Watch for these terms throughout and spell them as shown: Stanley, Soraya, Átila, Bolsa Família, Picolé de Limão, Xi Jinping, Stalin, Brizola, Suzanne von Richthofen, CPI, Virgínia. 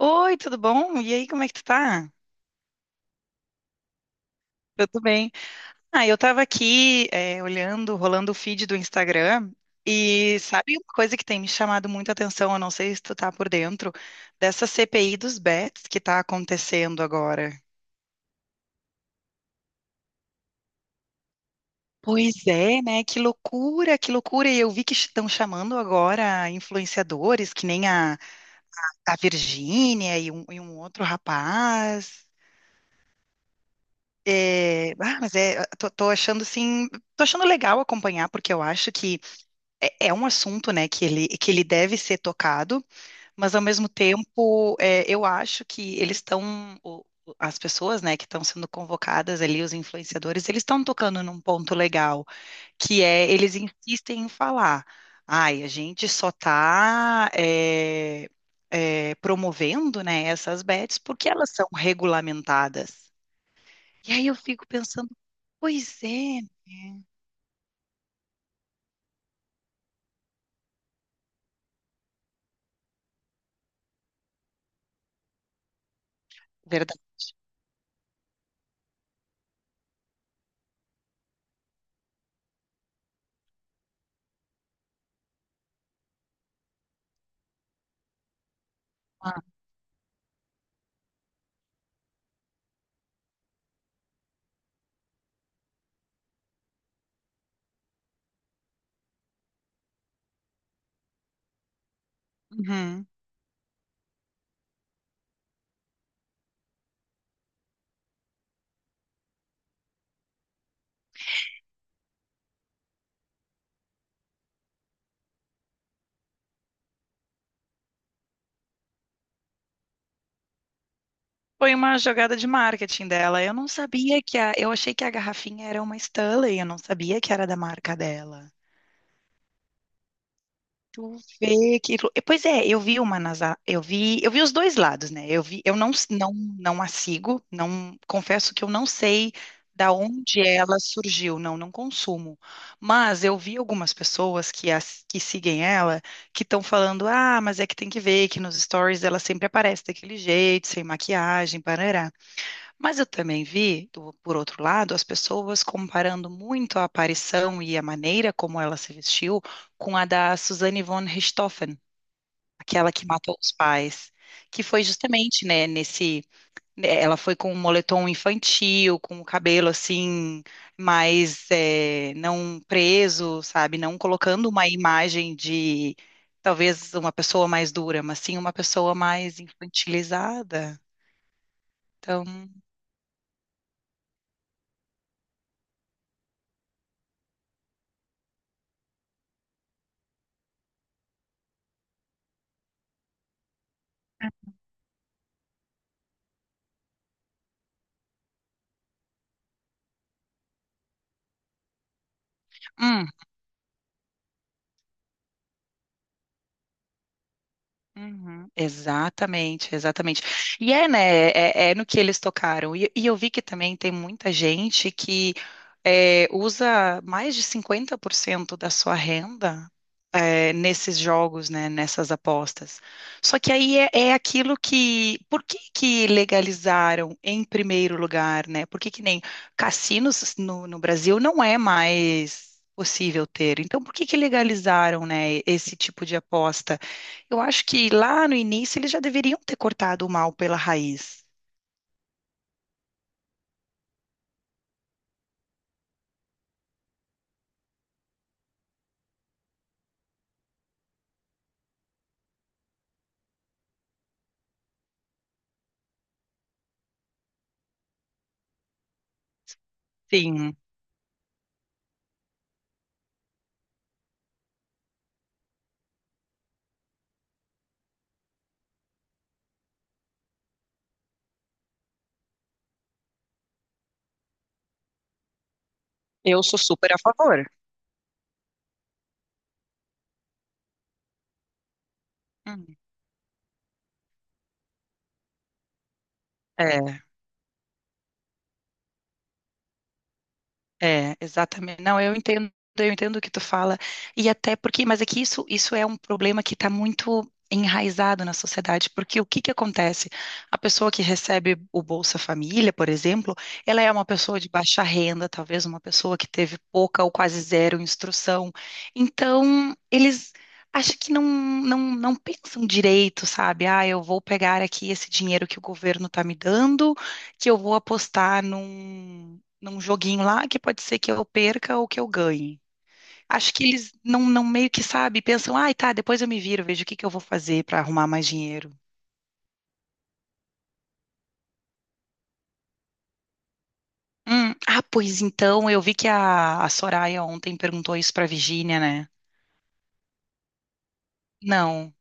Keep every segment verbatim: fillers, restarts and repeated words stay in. Oi, tudo bom? E aí, como é que tu tá? Eu tô bem. Ah, eu tava aqui, é, olhando, rolando o feed do Instagram, e sabe uma coisa que tem me chamado muita atenção, eu não sei se tu tá por dentro dessa C P I dos bets que tá acontecendo agora. Pois é, né? Que loucura, que loucura. E eu vi que estão chamando agora influenciadores, que nem a, a Virgínia e um, e um outro rapaz. É, ah, mas é, tô, tô achando assim, tô achando legal acompanhar, porque eu acho que É é um assunto, né, que ele, que ele deve ser tocado, mas ao mesmo tempo, é, eu acho que eles estão, o- o- as pessoas, né, que estão sendo convocadas ali, os influenciadores, eles estão tocando num ponto legal, que é eles insistem em falar, ai, a gente só está promovendo, né, essas bets porque elas são regulamentadas. E aí eu fico pensando, pois é, verdade. Uhum. Foi uma jogada de marketing dela. Eu não sabia que a. Eu achei que a garrafinha era uma Stanley, eu não sabia que era da marca dela. Tu vê que. Lou- Pois é, eu vi uma nas. A- Eu vi, eu vi os dois lados, né? Eu vi, eu não, s- não, não a sigo, não confesso que eu não sei da onde ela surgiu, não, não consumo. Mas eu vi algumas pessoas que, as, que seguem ela que estão falando, ah, mas é que tem que ver que nos stories ela sempre aparece daquele jeito, sem maquiagem, parará. Mas eu também vi, do- por outro lado, as pessoas comparando muito a aparição e a maneira como ela se vestiu com a da Suzanne von Richthofen, aquela que matou os pais, que foi justamente, né, nesse, né, ela foi com um moletom infantil, com o cabelo assim mais eh, não preso, sabe, não colocando uma imagem de talvez uma pessoa mais dura, mas sim uma pessoa mais infantilizada. Então, hum, uhum, exatamente, exatamente. E é, né? É, é é no que eles tocaram. E, e eu vi que também tem muita gente que é, usa mais de cinquenta por cento da sua renda, é, nesses jogos, né? Nessas apostas. Só que aí é, é aquilo que. Por que que legalizaram em primeiro lugar, né? Por que que nem cassinos no, no Brasil não é mais possível ter. Então, por que que legalizaram, né, esse tipo de aposta? Eu acho que lá no início eles já deveriam ter cortado o mal pela raiz. Sim, eu sou super a favor. Hum. É. É, exatamente. Não, eu entendo, eu entendo o que tu fala. E até porque, mas é que isso, isso é um problema que está muito enraizado na sociedade, porque o que que acontece? A pessoa que recebe o Bolsa Família, por exemplo, ela é uma pessoa de baixa renda, talvez uma pessoa que teve pouca ou quase zero instrução. Então, eles acham que não, não, não pensam direito, sabe? Ah, eu vou pegar aqui esse dinheiro que o governo está me dando, que eu vou apostar num num joguinho lá que pode ser que eu perca ou que eu ganhe. Acho que eles não, não meio que sabe, pensam, ai, tá, depois eu me viro, vejo o que que eu vou fazer para arrumar mais dinheiro. Hum, ah, pois então, eu vi que a, a Soraya ontem perguntou isso pra Virginia, né? Não.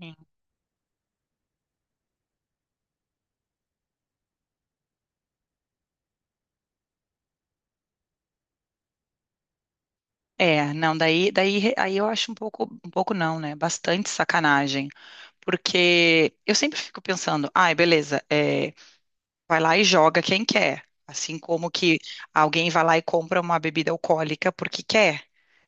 Hum. É, não, daí, daí re- aí eu acho um pouco, um pouco não, né? Bastante sacanagem. Porque eu sempre fico pensando, ai, beleza, é, vai lá e joga quem quer. Assim como que alguém vai lá e compra uma bebida alcoólica porque quer.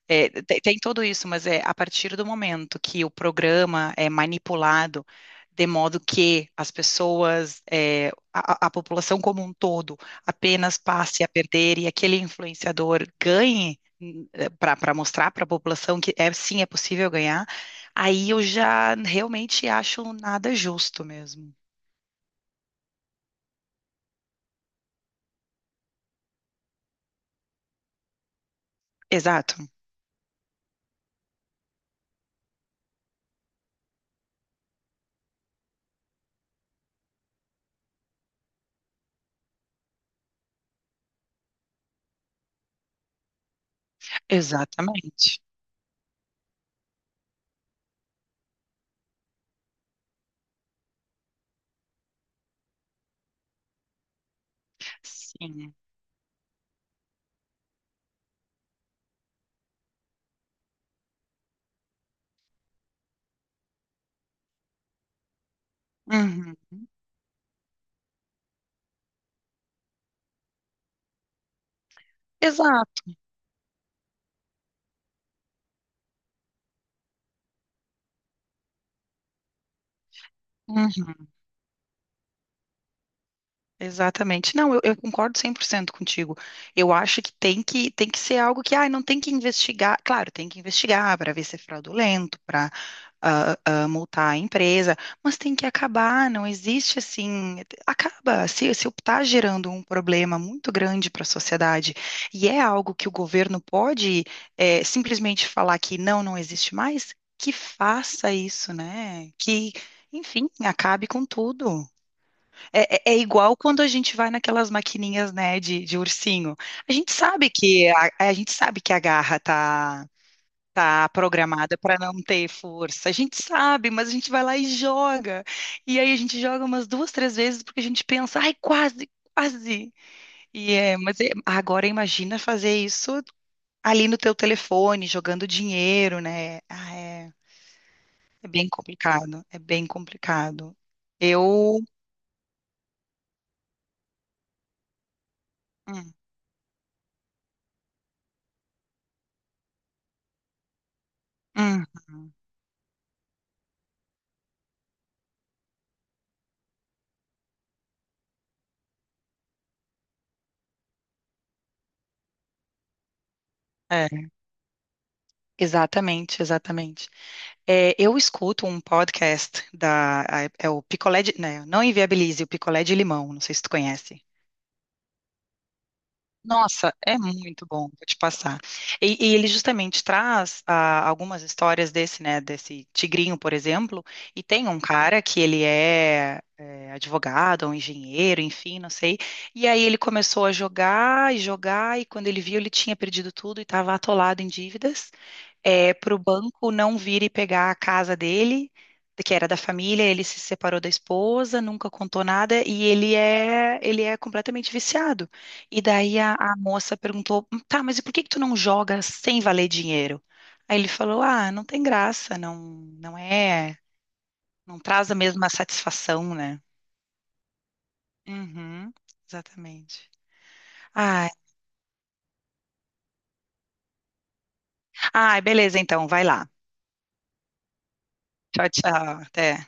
É, te- tem tudo isso, mas é a partir do momento que o programa é manipulado de modo que as pessoas, é, a, a- a população como um todo, apenas passe a perder e aquele influenciador ganhe para mostrar para a população que é sim é possível ganhar, aí eu já realmente acho nada justo mesmo. Exato. Exatamente. Sim. Uhum. Exato. Exatamente. Não, eu, eu concordo cem por cento contigo. Eu acho que tem que tem que ser algo que, ah, não tem que investigar. Claro, tem que investigar para ver se é fraudulento, para multar a empresa, mas tem que acabar. Não existe assim, acaba. Se se está gerando um problema muito grande para a sociedade e é algo que o governo pode eh, simplesmente falar que não, não existe mais, que faça isso, né? Que, enfim, acabe com tudo. É, é- é igual quando a gente vai naquelas maquininhas, né, de, de ursinho. A gente sabe que a, a gente sabe que a garra tá tá programada para não ter força. A gente sabe, mas a gente vai lá e joga. E aí a gente joga umas duas, três vezes porque a gente pensa, ai, quase, quase. E é, mas é- agora imagina fazer isso ali no teu telefone, jogando dinheiro, né? Ah, é, é bem complicado. É bem complicado. Eu Hum, hum, hum. É. Exatamente, exatamente. É, eu escuto um podcast da, a- é o Picolé de, né, não Inviabilize, o Picolé de Limão, não sei se tu conhece. Nossa, é muito bom, vou te passar. E, e ele justamente traz ah, algumas histórias desse, né, desse tigrinho, por exemplo, e tem um cara que ele é, é, advogado, um engenheiro, enfim, não sei, e aí ele começou a jogar e jogar, e quando ele viu, ele tinha perdido tudo e estava atolado em dívidas, é, para o banco não vir e pegar a casa dele, que era da família, ele se separou da esposa, nunca contou nada, e ele é, ele é completamente viciado. E daí a, a moça perguntou: tá, mas e por que que tu não joga sem valer dinheiro? Aí ele falou: ah, não tem graça, não, não é, não traz a mesma satisfação, né? Uhum, exatamente. Ai, ai, beleza, então, vai lá. Tchau, tchau, até.